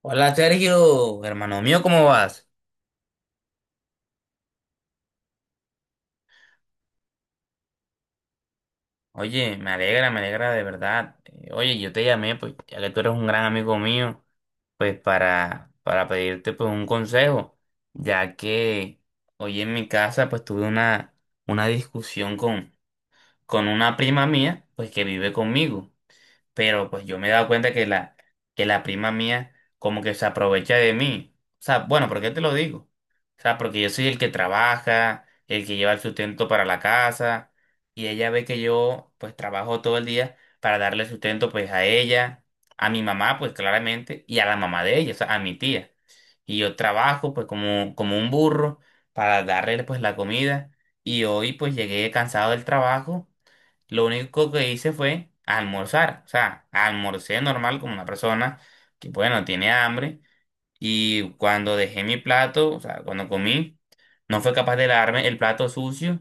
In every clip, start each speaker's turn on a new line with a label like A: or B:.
A: Hola Sergio, hermano mío, ¿cómo vas? Oye, me alegra de verdad. Oye, yo te llamé, pues, ya que tú eres un gran amigo mío, pues para pedirte pues un consejo, ya que hoy en mi casa pues tuve una discusión con una prima mía, pues que vive conmigo. Pero pues yo me he dado cuenta que la prima mía como que se aprovecha de mí. O sea, bueno, ¿por qué te lo digo? O sea, porque yo soy el que trabaja, el que lleva el sustento para la casa, y ella ve que yo pues trabajo todo el día para darle sustento pues a ella, a mi mamá pues claramente, y a la mamá de ella, o sea, a mi tía. Y yo trabajo pues como un burro para darle pues la comida. Y hoy pues llegué cansado del trabajo, lo único que hice fue almorzar. O sea, almorcé normal como una persona que, bueno, tiene hambre. Y cuando dejé mi plato, o sea, cuando comí, no fue capaz de lavarme el plato sucio,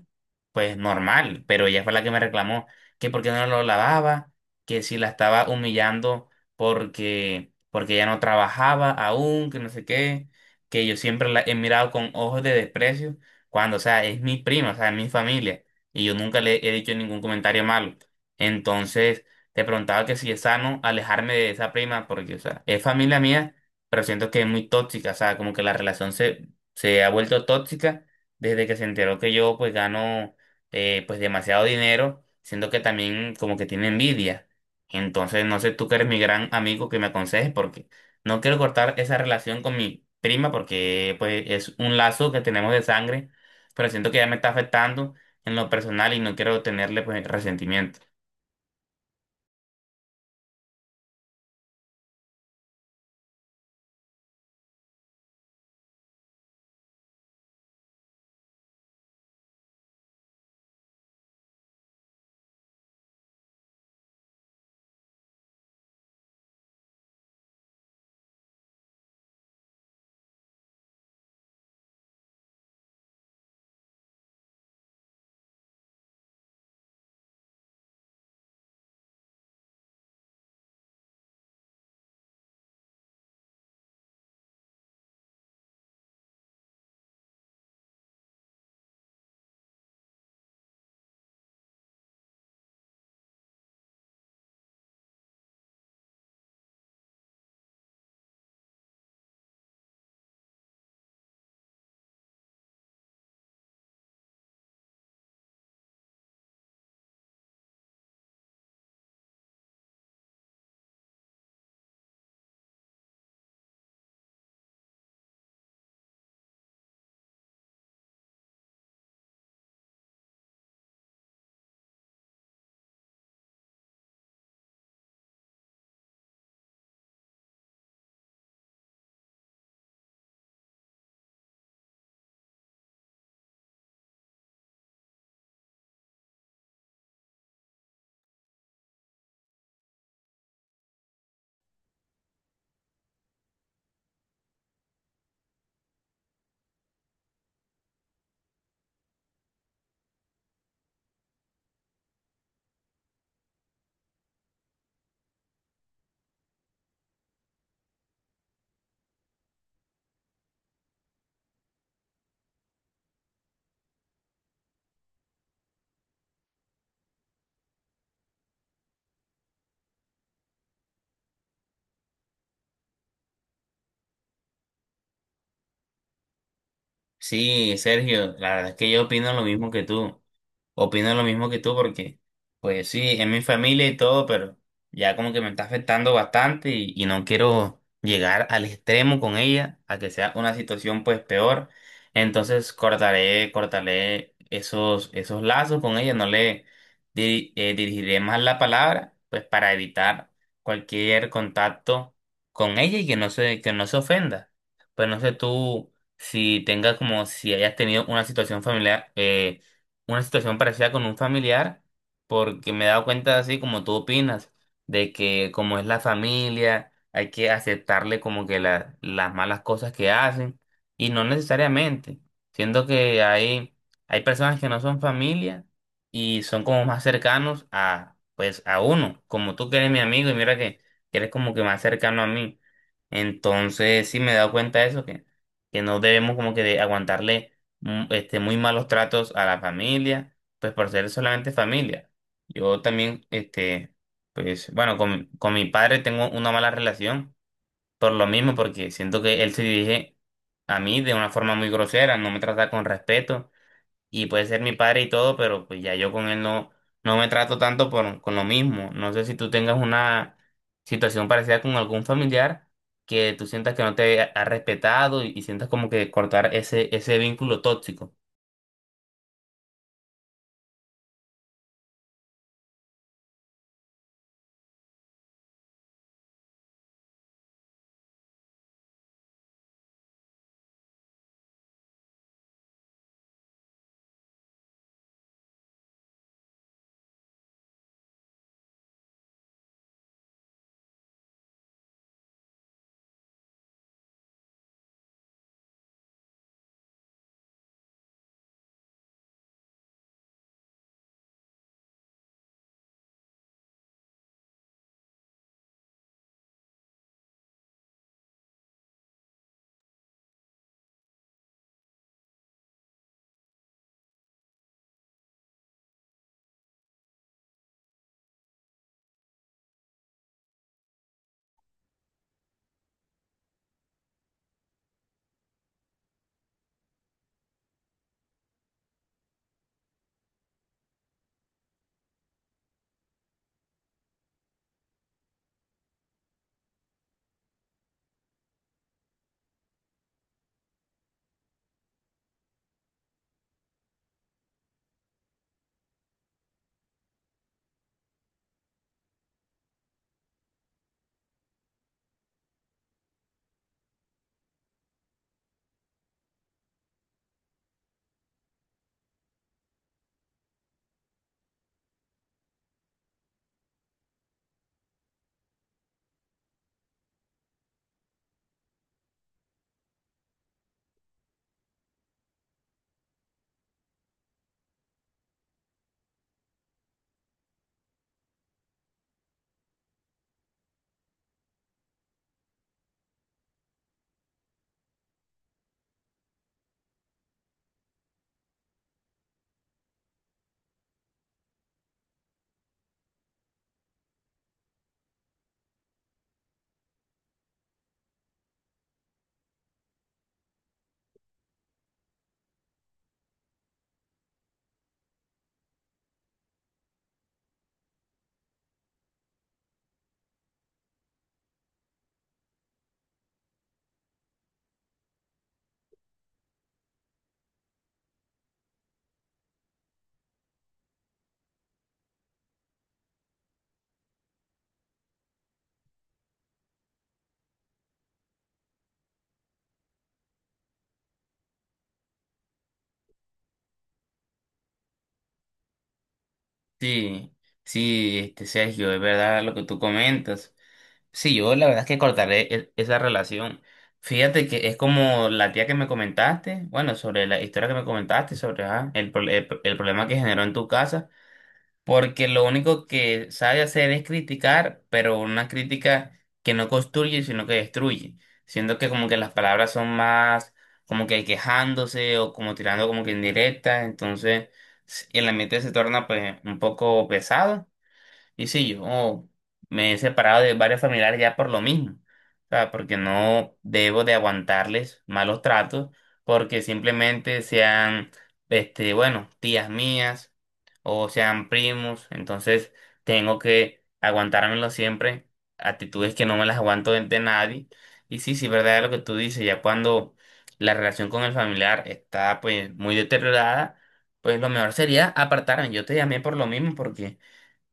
A: pues normal, pero ella fue la que me reclamó que por qué no lo lavaba, que si la estaba humillando porque ella no trabajaba aún, que no sé qué, que yo siempre la he mirado con ojos de desprecio, cuando, o sea, es mi prima, o sea, es mi familia, y yo nunca le he dicho ningún comentario malo. Entonces, te preguntaba que si es sano alejarme de esa prima, porque, o sea, es familia mía, pero siento que es muy tóxica, o sea, como que la relación se ha vuelto tóxica desde que se enteró que yo pues gano, pues demasiado dinero, siento que también como que tiene envidia. Entonces, no sé tú que eres mi gran amigo, que me aconsejes, porque no quiero cortar esa relación con mi prima porque pues es un lazo que tenemos de sangre, pero siento que ya me está afectando en lo personal y no quiero tenerle pues resentimiento. Sí, Sergio, la verdad es que yo opino lo mismo que tú. Opino lo mismo que tú porque, pues sí, es mi familia y todo, pero ya como que me está afectando bastante y no quiero llegar al extremo con ella, a que sea una situación pues peor. Entonces cortaré esos lazos con ella, no le dirigiré más la palabra, pues para evitar cualquier contacto con ella y que no se ofenda. Pues no sé tú si tengas, como si hayas tenido una situación familiar, una situación parecida con un familiar, porque me he dado cuenta, así como tú opinas, de que como es la familia, hay que aceptarle como que las malas cosas que hacen, y no necesariamente. Siento que hay personas que no son familia y son como más cercanos a, pues, a uno, como tú que eres mi amigo y mira que eres como que más cercano a mí. Entonces, sí me he dado cuenta de eso, que no debemos como que de aguantarle, este, muy malos tratos a la familia, pues por ser solamente familia. Yo también, este, pues bueno, con mi padre tengo una mala relación por lo mismo, porque siento que él se dirige a mí de una forma muy grosera, no me trata con respeto, y puede ser mi padre y todo, pero pues ya yo con él no me trato tanto por, con lo mismo. No sé si tú tengas una situación parecida con algún familiar que tú sientas que no te ha respetado y sientas como que cortar ese vínculo tóxico. Sí, sí, este, Sergio, es verdad lo que tú comentas. Sí, yo la verdad es que cortaré esa relación. Fíjate que es como la tía que me comentaste, bueno, sobre la historia que me comentaste, sobre ah, el problema que generó en tu casa, porque lo único que sabe hacer es criticar, pero una crítica que no construye, sino que destruye. Siendo que como que las palabras son más como que quejándose o como tirando como que indirectas, entonces el ambiente se torna pues un poco pesado y sí, yo me he separado de varios familiares ya por lo mismo. O sea, porque no debo de aguantarles malos tratos, porque simplemente sean, este, bueno, tías mías o sean primos. Entonces tengo que aguantármelo siempre, actitudes que no me las aguanto de nadie. Y sí, sí, verdad es lo que tú dices, ya cuando la relación con el familiar está pues muy deteriorada, pues lo mejor sería apartarme. Yo te llamé por lo mismo, porque…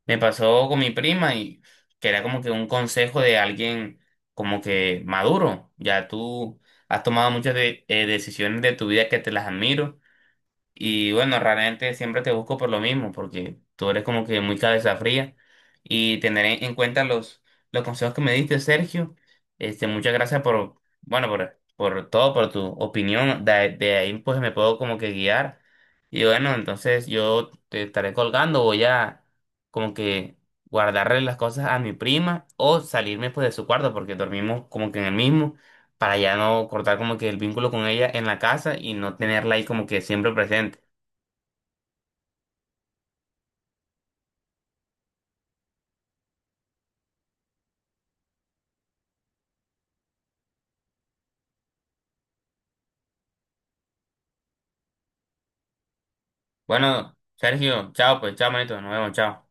A: me pasó con mi prima y que era como que un consejo de alguien como que maduro. Ya tú has tomado muchas decisiones de tu vida que te las admiro. Y bueno, realmente siempre te busco por lo mismo, porque tú eres como que muy cabeza fría. Y tener en cuenta los consejos que me diste, Sergio. Este, muchas gracias por, bueno, por todo, por tu opinión. De ahí pues me puedo como que guiar. Y bueno, entonces yo te estaré colgando, voy a, como que, guardarle las cosas a mi prima o salirme pues de su cuarto, porque dormimos como que en el mismo, para ya no cortar como que el vínculo con ella en la casa y no tenerla ahí como que siempre presente. Bueno, Sergio, chao, pues, chao, manito, nos vemos, chao.